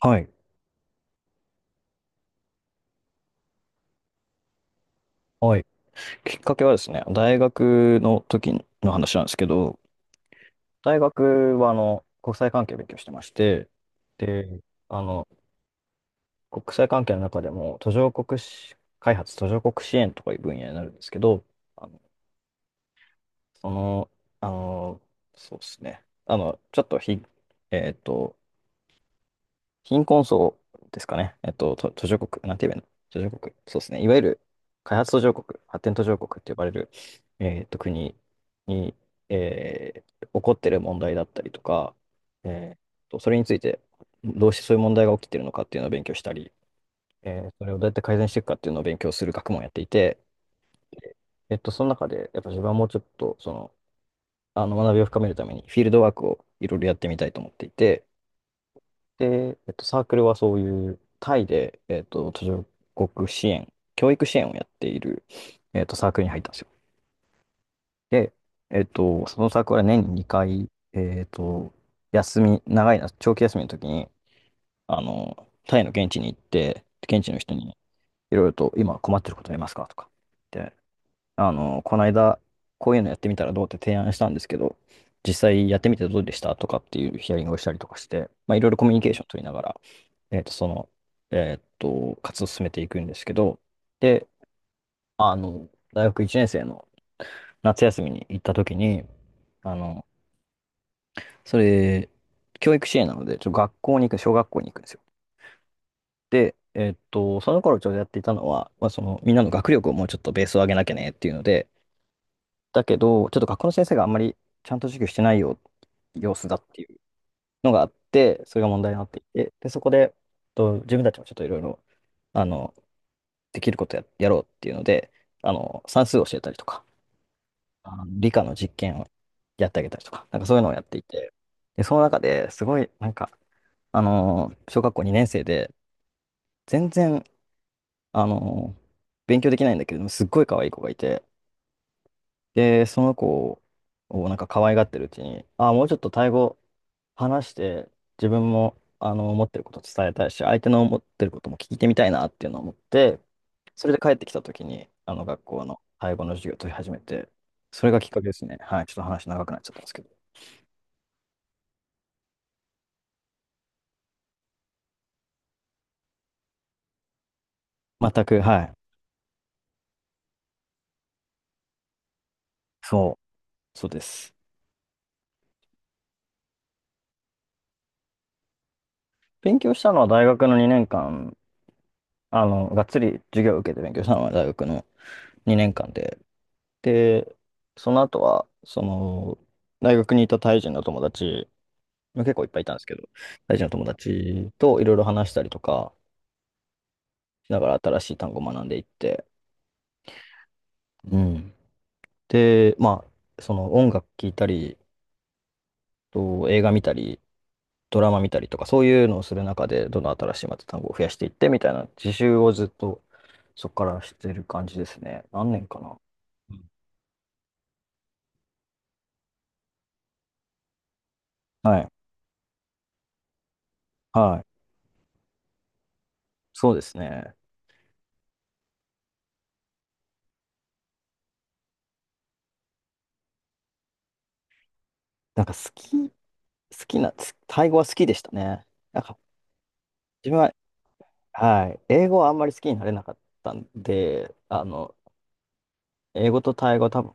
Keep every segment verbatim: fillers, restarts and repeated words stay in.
はい。はい。きっかけはですね、大学の時の話なんですけど、大学はあの国際関係を勉強してまして、で、あの、国際関係の中でも途上国し開発、途上国支援とかいう分野になるんですけど、あの、その、あの、そうですね、あの、ちょっとひ、えっと、貧困層ですかね。えっと、と途上国、なんて言えばいいの、途上国。そうですね。いわゆる開発途上国、発展途上国って呼ばれる、えっと、国に、えー起こってる問題だったりとか、えーと、それについて、どうしてそういう問題が起きてるのかっていうのを勉強したり、えーそれをどうやって改善していくかっていうのを勉強する学問をやっていて、えっと、その中で、やっぱ自分はもうちょっと、その、あの学びを深めるために、フィールドワークをいろいろやってみたいと思っていて、で、えっと、サークルはそういうタイで、えっと、途上国支援、教育支援をやっている、えっと、サークルに入ったんですよ。で、えっと、そのサークルは年ににかい、えっと、休み、長いな、長期休みの時に、あの、タイの現地に行って、現地の人にいろいろと、今困ってることありますかとか。で、あの、この間、こういうのやってみたらどうって提案したんですけど、実際やってみてどうでしたとかっていうヒアリングをしたりとかして、まあ、いろいろコミュニケーション取りながら、えっと、その、えっと、活動を進めていくんですけど、で、あの、大学いちねん生の夏休みに行った時に、あの、それ、教育支援なので、ちょっと学校に行く、小学校に行くんですよ。で、えっと、その頃ちょうどやっていたのは、まあ、その、みんなの学力をもうちょっとベースを上げなきゃねっていうので、だけど、ちょっと学校の先生があんまりちゃんと授業してないよ、様子だっていうのがあって、それが問題になっていて、で、そこで、えっと自分たちもちょっといろいろ、あの、できることや、やろうっていうので、あの、算数を教えたりとか、あの理科の実験をやってあげたりとか、なんかそういうのをやっていて、で、その中ですごい、なんか、あの小学校にねん生で、全然、あの勉強できないんだけれども、すっごい可愛い子がいて、で、その子をなんか可愛がってるうちに、ああ、もうちょっとタイ語話して、自分もあの思ってること伝えたいし、相手の思ってることも聞いてみたいなっていうのを思って、それで帰ってきた時にあの学校のタイ語の授業を取り始めて、それがきっかけですね。はい。ちょっと話長くなっちゃったんですけど。全く、はい。そう、そうです。勉強したのは大学のにねんかん、あの、がっつり授業を受けて勉強したのは大学のにねんかんで、で、その後は、その、大学にいたタイ人の友達、結構いっぱいいたんですけど、大事な友達といろいろ話したりとかしながら新しい単語を学んでいって、うん。で、まあ、その、音楽聴いたり、と映画見たり、ドラマ見たりとか、そういうのをする中で、どんどん新しいまた単語を増やしていってみたいな自習をずっとそこからしてる感じですね。何年かな。うん。はい。はい。そうですね。なんか好き、好きな、つタイ語は好きでしたね。なんか自分は、はい、英語はあんまり好きになれなかったんで、あの、英語とタイ語は多分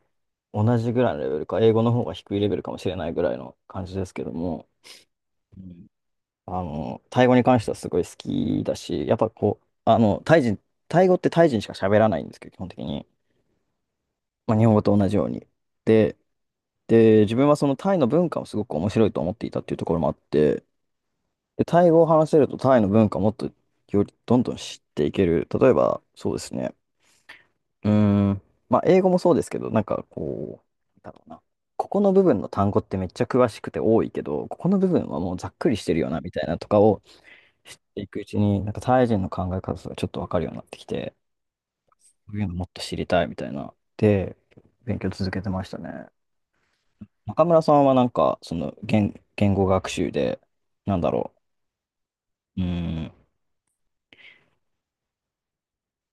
同じぐらいのレベルか、英語の方が低いレベルかもしれないぐらいの感じですけども、うん、あの、タイ語に関してはすごい好きだし、やっぱこう、あの、タイ人、タイ語ってタイ人しか喋らないんですけど、基本的に。まあ、日本語と同じように。で、で、自分はそのタイの文化もすごく面白いと思っていたっていうところもあって、で、タイ語を話せるとタイの文化をもっとよりどんどん知っていける。例えば、そうですね。うーん。まあ、英語もそうですけど、なんかこう、なんだろうな。ここの部分の単語ってめっちゃ詳しくて多いけど、ここの部分はもうざっくりしてるよな、みたいなとかを知っていくうちに、なんかタイ人の考え方とかちょっとわかるようになってきて、こういうのもっと知りたいみたいな。で、勉強続けてましたね。中村さんはなんか、その言、言語学習で、なんだろう。うーん。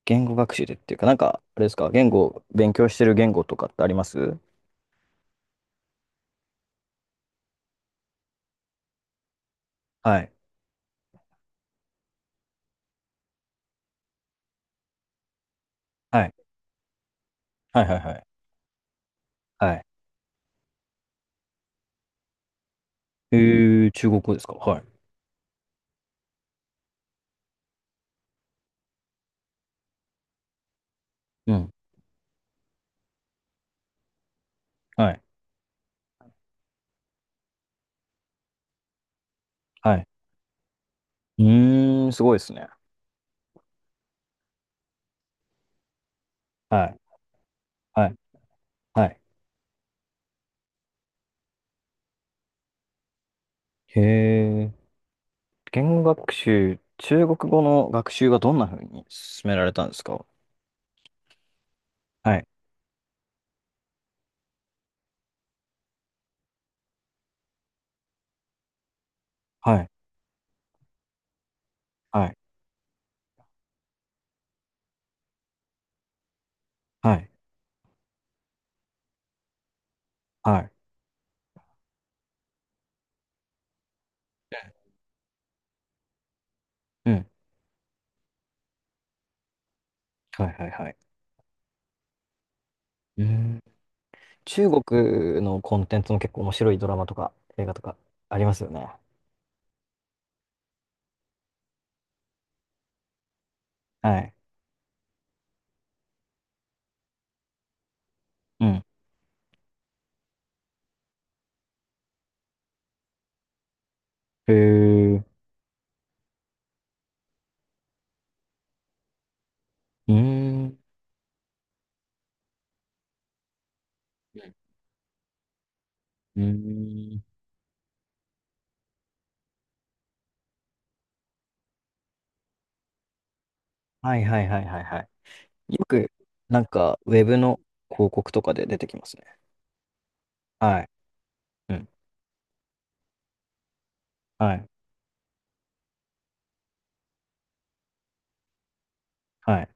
言語学習でっていうか、なんか、あれですか、言語、勉強してる言語とかってあります？はい。はい。はいはいはい。はい。えー、中国語ですか？はい。うん。はい。はい。うーん、すごいですね。はい。はい。はい。へえ。言語学習、中国語の学習はどんな風に進められたんですか？はい。はい。はい。はい。はい。うん。はいはいはい。うん。中国のコンテンツも結構面白いドラマとか映画とかありますよね。はい。うん。へえ。うーん。うーん。はいはいはいはいはい。よく、なんか、ウェブの広告とかで出てきますね。はい。うん。はい。はい。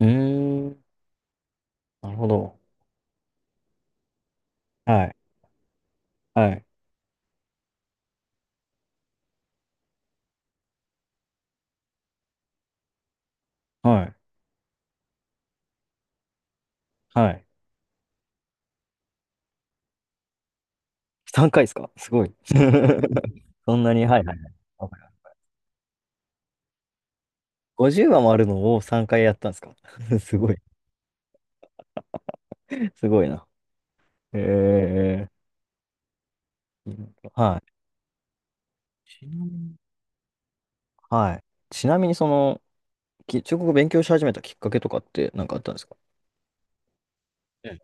うーん。なるほど。はい。はい。はい。はい。さんかいですか、すごい。そんなに、はいはいはい。わかる。ごじゅうわもあるのをさんかいやったんですか？ すごい。すごいな。ええ、はい。ちなみに、はい。ちなみに、その、き中国語勉強し始めたきっかけとかって何かあったんですか？うん。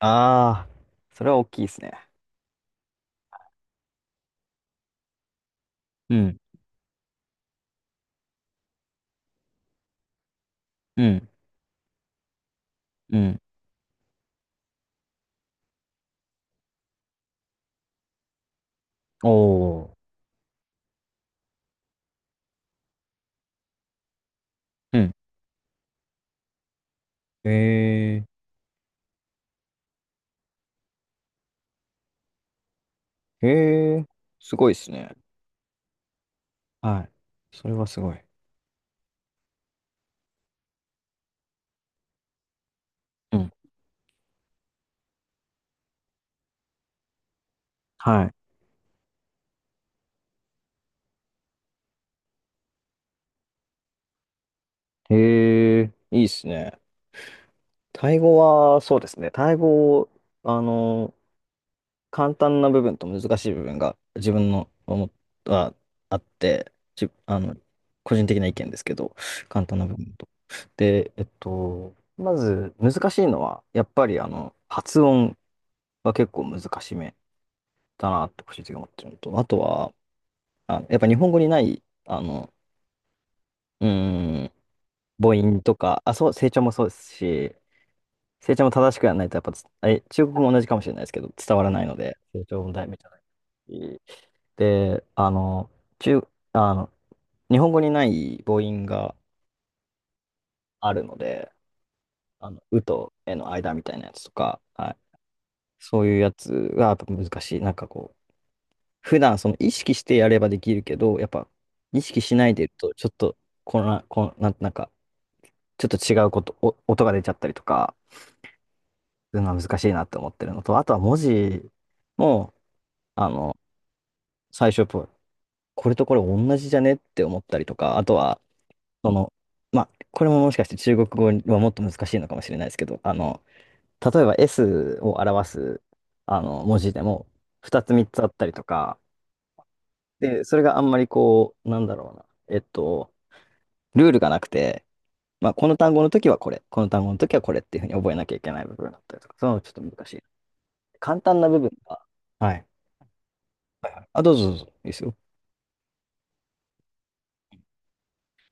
ああ、それは大きいですね。うん。うん。うん。おー。うん。えー、えー、すごいですね。はい。それはすごい。うん。はい。ええ、いいですね。タイ語は、そうですね。タイ語、あの、簡単な部分と難しい部分が自分の思ったあって、じ、あの、個人的な意見ですけど、簡単な部分と。で、えっと、まず難しいのは、やっぱりあの、発音は結構難しめだなって個人的に思ってるのと、あとは、あ、やっぱ日本語にない、あの、うーん、母音とか、あ、そう、成長もそうですし、成長も正しくやらないと、やっぱつ、あれ、中国語も同じかもしれないですけど、伝わらないので、成長も大めちゃないし。で、あの、中、あの、日本語にない母音があるので、あの、うとえの間みたいなやつとか、はい、そういうやつがやっぱ難しい。なんかこう、普段その意識してやればできるけど、やっぱ意識しないでいると、ちょっと、こんな、こんな、なんか、ちょっと違うこと、お音が出ちゃったりとか、そういうのは難しいなって思ってるのと、あとは文字も、あの、最初と、これとこれ同じじゃねって思ったりとか、あとは、その、まあ、これももしかして中国語はもっと難しいのかもしれないですけど、あの、例えば S を表す、あの、文字でも、ふたつみっつあったりとか、で、それがあんまりこう、なんだろうな、えっと、ルールがなくて、まあ、この単語の時はこれ、この単語の時はこれっていうふうに覚えなきゃいけない部分だったりとか、そういうのちょっと難しい。簡単な部分が、はい。あ、どうぞどうぞ。いいですよ。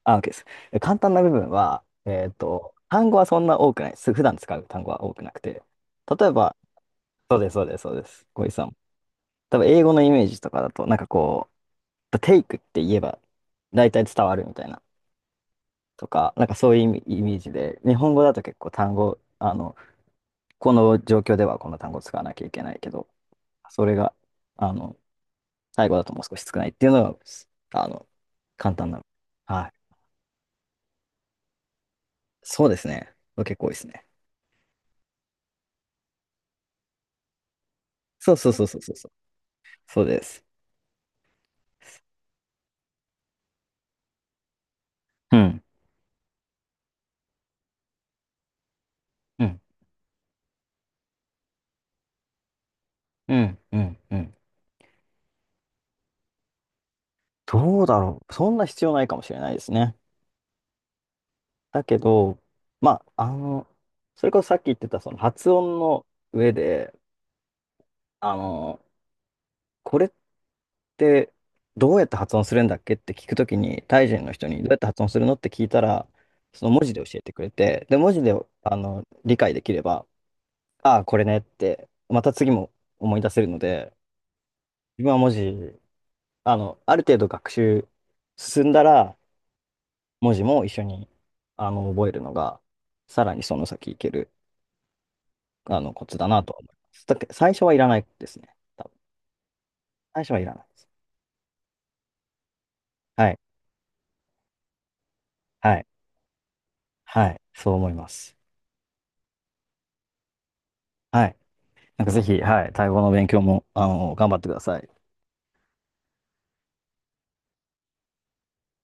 あ、OK です。え、簡単な部分は、えっと、単語はそんな多くないです。普段使う単語は多くなくて。例えば、そうです、そうです、そうです。小井さん。多分、英語のイメージとかだと、なんかこう、take って言えば、大体伝わるみたいな、とか、なんかそういうイメイメージで、日本語だと結構単語、あの、この状況ではこの単語を使わなきゃいけないけど、それが、あの、最後だともう少し少ないっていうのが、あの、簡単な。はい。そうですね。結構多いですね。そうそうそうそうそうそう。そうです。うん、うん、うん、うん、うん。どうだろう。そんな必要ないかもしれないですね。だけど、まあ、あの、それこそさっき言ってたその発音の上で、あの、これってどうやって発音するんだっけって聞くときに、タイ人の人にどうやって発音するのって聞いたら、その文字で教えてくれて、で、文字で、あの、理解できれば、ああ、これねって、また次も思い出せるので、自分は文字あの、ある程度学習進んだら、文字も一緒に、あの、覚えるのが、さらにその先いける、あの、コツだなとは思います。だけど、最初はいらないですね。多分。最初はいらないです。はい。はい。はい。そう思います。はい。なんかぜひ、はい、タイ語の勉強も、あの、頑張ってください。